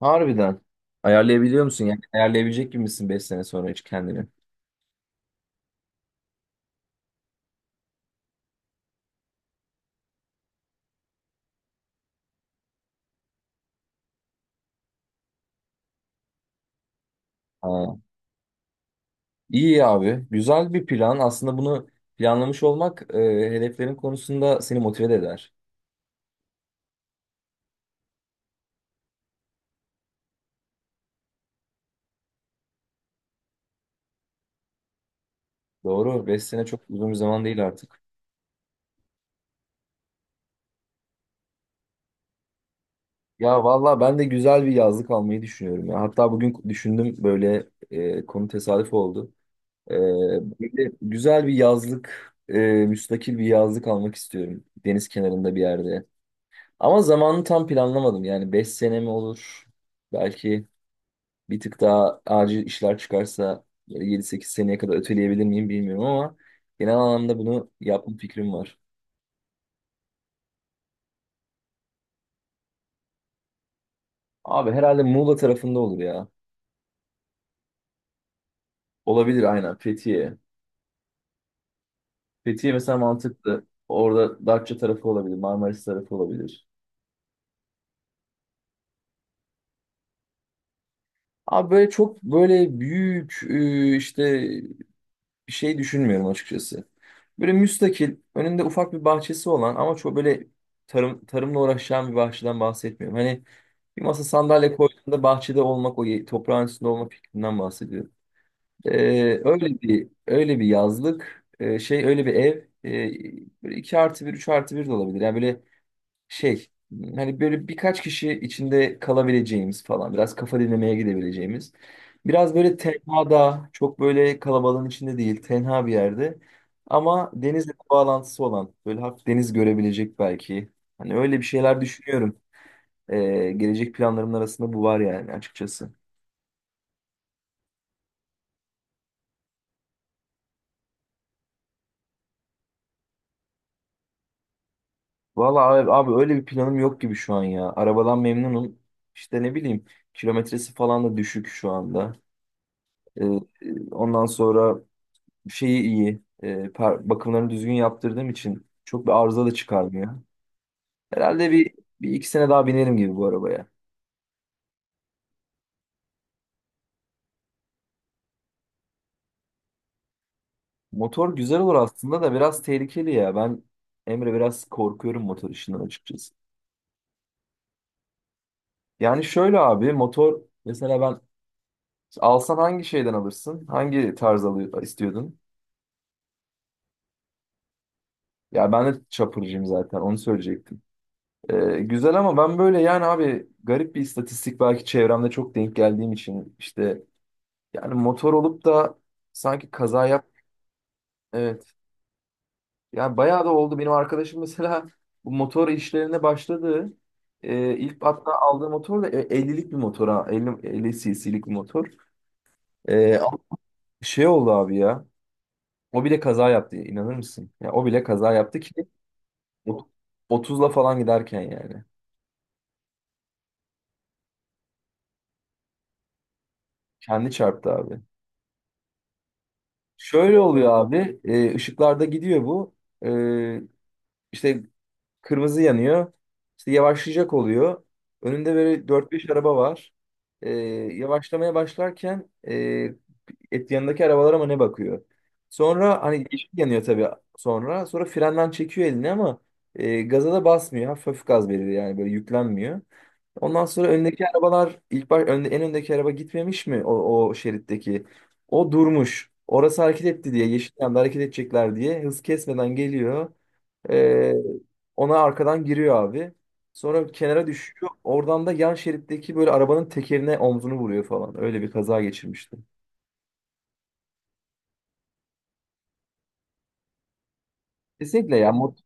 Harbiden. Ayarlayabiliyor musun? Yani ayarlayabilecek gibi misin 5 sene sonra hiç kendini? Ha. İyi abi. Güzel bir plan. Aslında bunu planlamış olmak hedeflerin konusunda seni motive de eder. Doğru. Beş sene çok uzun bir zaman değil artık. Ya valla ben de güzel bir yazlık almayı düşünüyorum ya. Hatta bugün düşündüm böyle, konu tesadüf oldu. E, Böyle güzel bir yazlık, müstakil bir yazlık almak istiyorum. Deniz kenarında bir yerde. Ama zamanını tam planlamadım. Yani 5 sene mi olur? Belki bir tık daha acil işler çıkarsa yedi sekiz seneye kadar öteleyebilir miyim bilmiyorum ama genel anlamda bunu yapma fikrim var. Abi herhalde Muğla tarafında olur ya. Olabilir aynen Fethiye. Fethiye mesela mantıklı. Orada Datça tarafı olabilir, Marmaris tarafı olabilir. Abi böyle çok böyle büyük, bir şey düşünmüyorum açıkçası. Böyle müstakil, önünde ufak bir bahçesi olan ama çok böyle tarımla uğraşan bir bahçeden bahsetmiyorum. Hani bir masa sandalye koyduğunda bahçede olmak, o toprağın üstünde olma fikrinden bahsediyorum. Öyle bir yazlık, öyle bir ev, böyle 2 artı bir 3 artı bir de olabilir. Yani böyle şey hani böyle birkaç kişi içinde kalabileceğimiz falan biraz kafa dinlemeye gidebileceğimiz. Biraz böyle tenhada, çok böyle kalabalığın içinde değil, tenha bir yerde ama denizle bir bağlantısı olan, böyle hafif deniz görebilecek belki. Hani öyle bir şeyler düşünüyorum. Gelecek planlarımın arasında bu var yani açıkçası. Valla abi, abi öyle bir planım yok gibi şu an ya. Arabadan memnunum. İşte ne bileyim kilometresi falan da düşük şu anda. Ee, ondan sonra şeyi iyi. Bakımlarını düzgün yaptırdığım için çok bir arıza da çıkarmıyor. Herhalde bir, bir iki sene daha binerim gibi bu arabaya. Motor güzel olur aslında da biraz tehlikeli ya. Ben Emre biraz korkuyorum motor işinden açıkçası. Yani şöyle abi motor mesela ben alsan hangi şeyden alırsın? Hangi tarz alıyor, istiyordun? Ya ben de çapırcıyım zaten onu söyleyecektim. Güzel ama ben böyle yani abi garip bir istatistik, belki çevremde çok denk geldiğim için işte, yani motor olup da sanki kaza yap. Evet. Yani bayağı da oldu. Benim arkadaşım mesela bu motor işlerine başladı. İlk hatta aldığı motor da, 50'lik bir motor ha. 50, 50 cc'lik bir motor. Ama şey oldu abi ya. O bile kaza yaptı. İnanır mısın? Ya o bile kaza yaptı ki ot- 30'la falan giderken yani. Kendi çarptı abi. Şöyle oluyor abi. Işıklarda gidiyor bu. E, işte Kırmızı yanıyor. İşte yavaşlayacak oluyor. Önünde böyle dört beş araba var. Ee, yavaşlamaya başlarken e, et yanındaki arabalara mı ne bakıyor? Sonra hani yeşil yanıyor tabii sonra. Sonra frenden çekiyor elini ama gaza da basmıyor. Hafif hafif gaz veriyor yani böyle yüklenmiyor. Ondan sonra öndeki arabalar en öndeki araba gitmemiş mi o, o şeritteki? O durmuş. Orası hareket etti diye, yeşil yanda hareket edecekler diye hız kesmeden geliyor. Ee, ona arkadan giriyor abi. Sonra kenara düşüyor. Oradan da yan şeritteki böyle arabanın tekerine omzunu vuruyor falan. Öyle bir kaza geçirmişti. Kesinlikle ya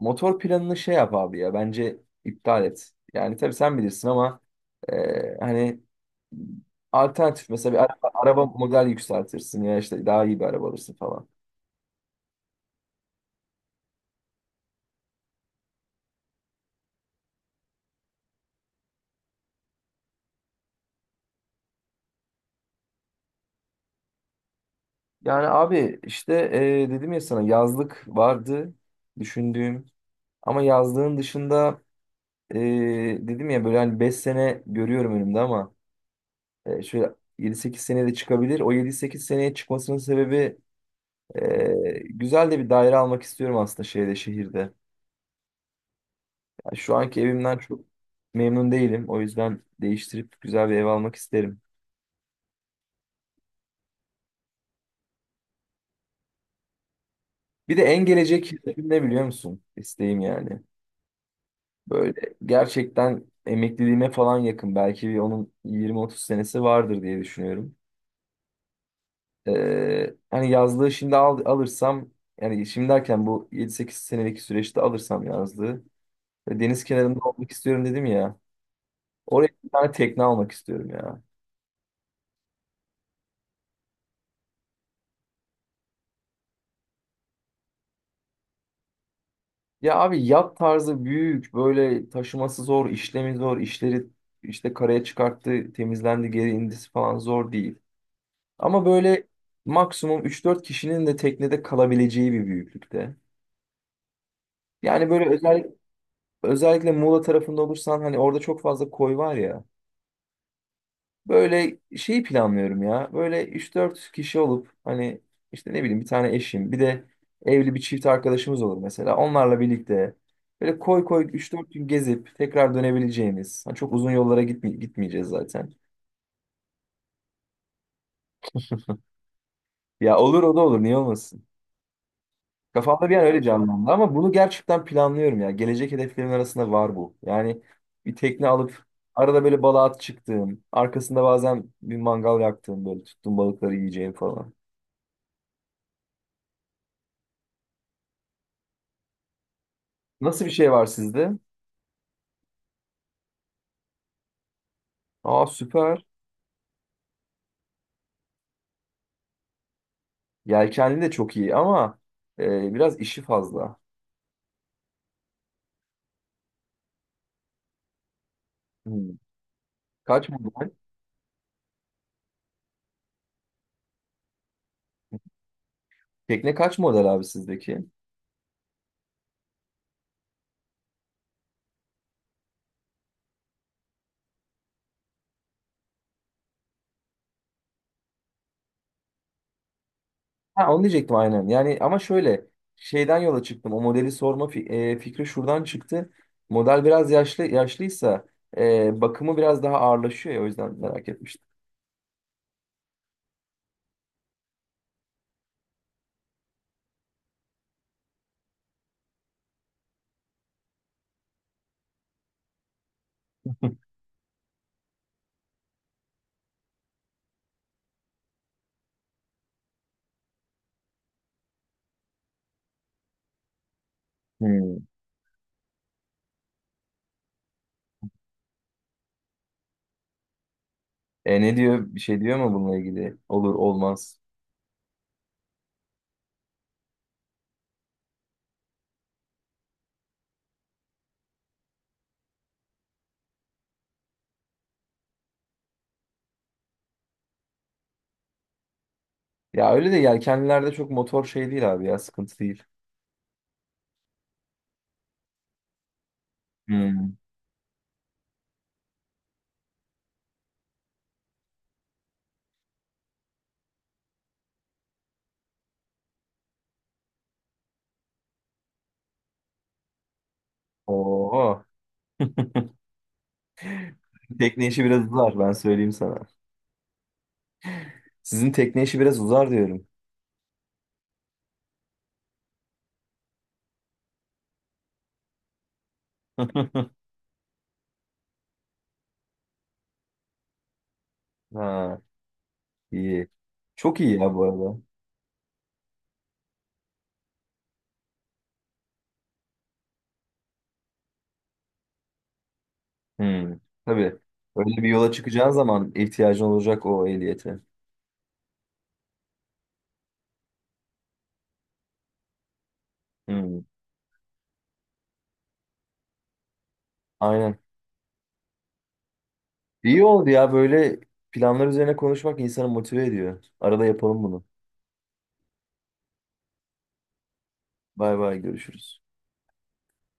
motor planını şey yap abi ya, bence iptal et. Yani tabii sen bilirsin ama hani alternatif mesela bir araba, model yükseltirsin ya, işte daha iyi bir araba alırsın falan. Yani abi işte, dedim ya sana yazlık vardı düşündüğüm, ama yazlığın dışında e, dedim ya böyle hani 5 sene görüyorum önümde ama, şöyle yedi sekiz seneye de çıkabilir. O yedi sekiz seneye çıkmasının sebebi, güzel de bir daire almak istiyorum aslında şeyde şehirde. Ya şu anki evimden çok memnun değilim. O yüzden değiştirip güzel bir ev almak isterim. Bir de en gelecek hedefim ne biliyor musun? İsteğim yani. Böyle gerçekten emekliliğime falan yakın. Belki bir onun yirmi otuz senesi vardır diye düşünüyorum. Hani yazlığı alırsam, yani şimdi derken bu yedi sekiz senelik süreçte alırsam yazlığı, ve deniz kenarında olmak istiyorum dedim ya. Oraya bir tane tekne almak istiyorum ya. Ya abi yat tarzı büyük, böyle taşıması zor, işlemi zor, işleri işte karaya çıkarttı, temizlendi, geri indisi falan zor değil. Ama böyle maksimum üç dört kişinin de teknede kalabileceği bir büyüklükte. Yani böyle özel, özellikle Muğla tarafında olursan hani orada çok fazla koy var ya. Böyle şeyi planlıyorum ya. Böyle üç dört kişi olup hani işte ne bileyim bir tane eşim bir de evli bir çift arkadaşımız olur mesela. Onlarla birlikte böyle koy koy üç dört gün gezip tekrar dönebileceğimiz. Hani çok uzun yollara gitmeyeceğiz zaten. Ya olur, o da olur niye olmasın. Kafamda bir an öyle canlandı ama bunu gerçekten planlıyorum ya. Gelecek hedeflerimin arasında var bu. Yani bir tekne alıp arada böyle balığa at çıktığım, arkasında bazen bir mangal yaktığım, böyle tuttuğum balıkları yiyeceğim falan. Nasıl bir şey var sizde? Aa, süper. Yelkenli de çok iyi ama biraz işi fazla. Hmm. Kaç model? Tekne kaç model abi sizdeki? Ha, onu diyecektim aynen. Yani ama şöyle şeyden yola çıktım. O modeli sorma fikri şuradan çıktı. Model biraz yaşlıysa, bakımı biraz daha ağırlaşıyor ya, o yüzden merak etmiştim. Hmm. E ne diyor? Bir şey diyor mu bununla ilgili? Olur olmaz. Ya öyle de yelkenlilerde çok motor şey değil abi ya, sıkıntı değil. Hmm. Oo. Tekne işi biraz uzar ben söyleyeyim sana. Sizin tekne işi biraz uzar diyorum. Ha, iyi. Çok iyi ya bu arada. Hmm. Tabii. Öyle bir yola çıkacağın zaman ihtiyacın olacak o ehliyete. Hmm. Aynen. İyi oldu ya böyle planlar üzerine konuşmak insanı motive ediyor. Arada yapalım bunu. Bay bay, görüşürüz.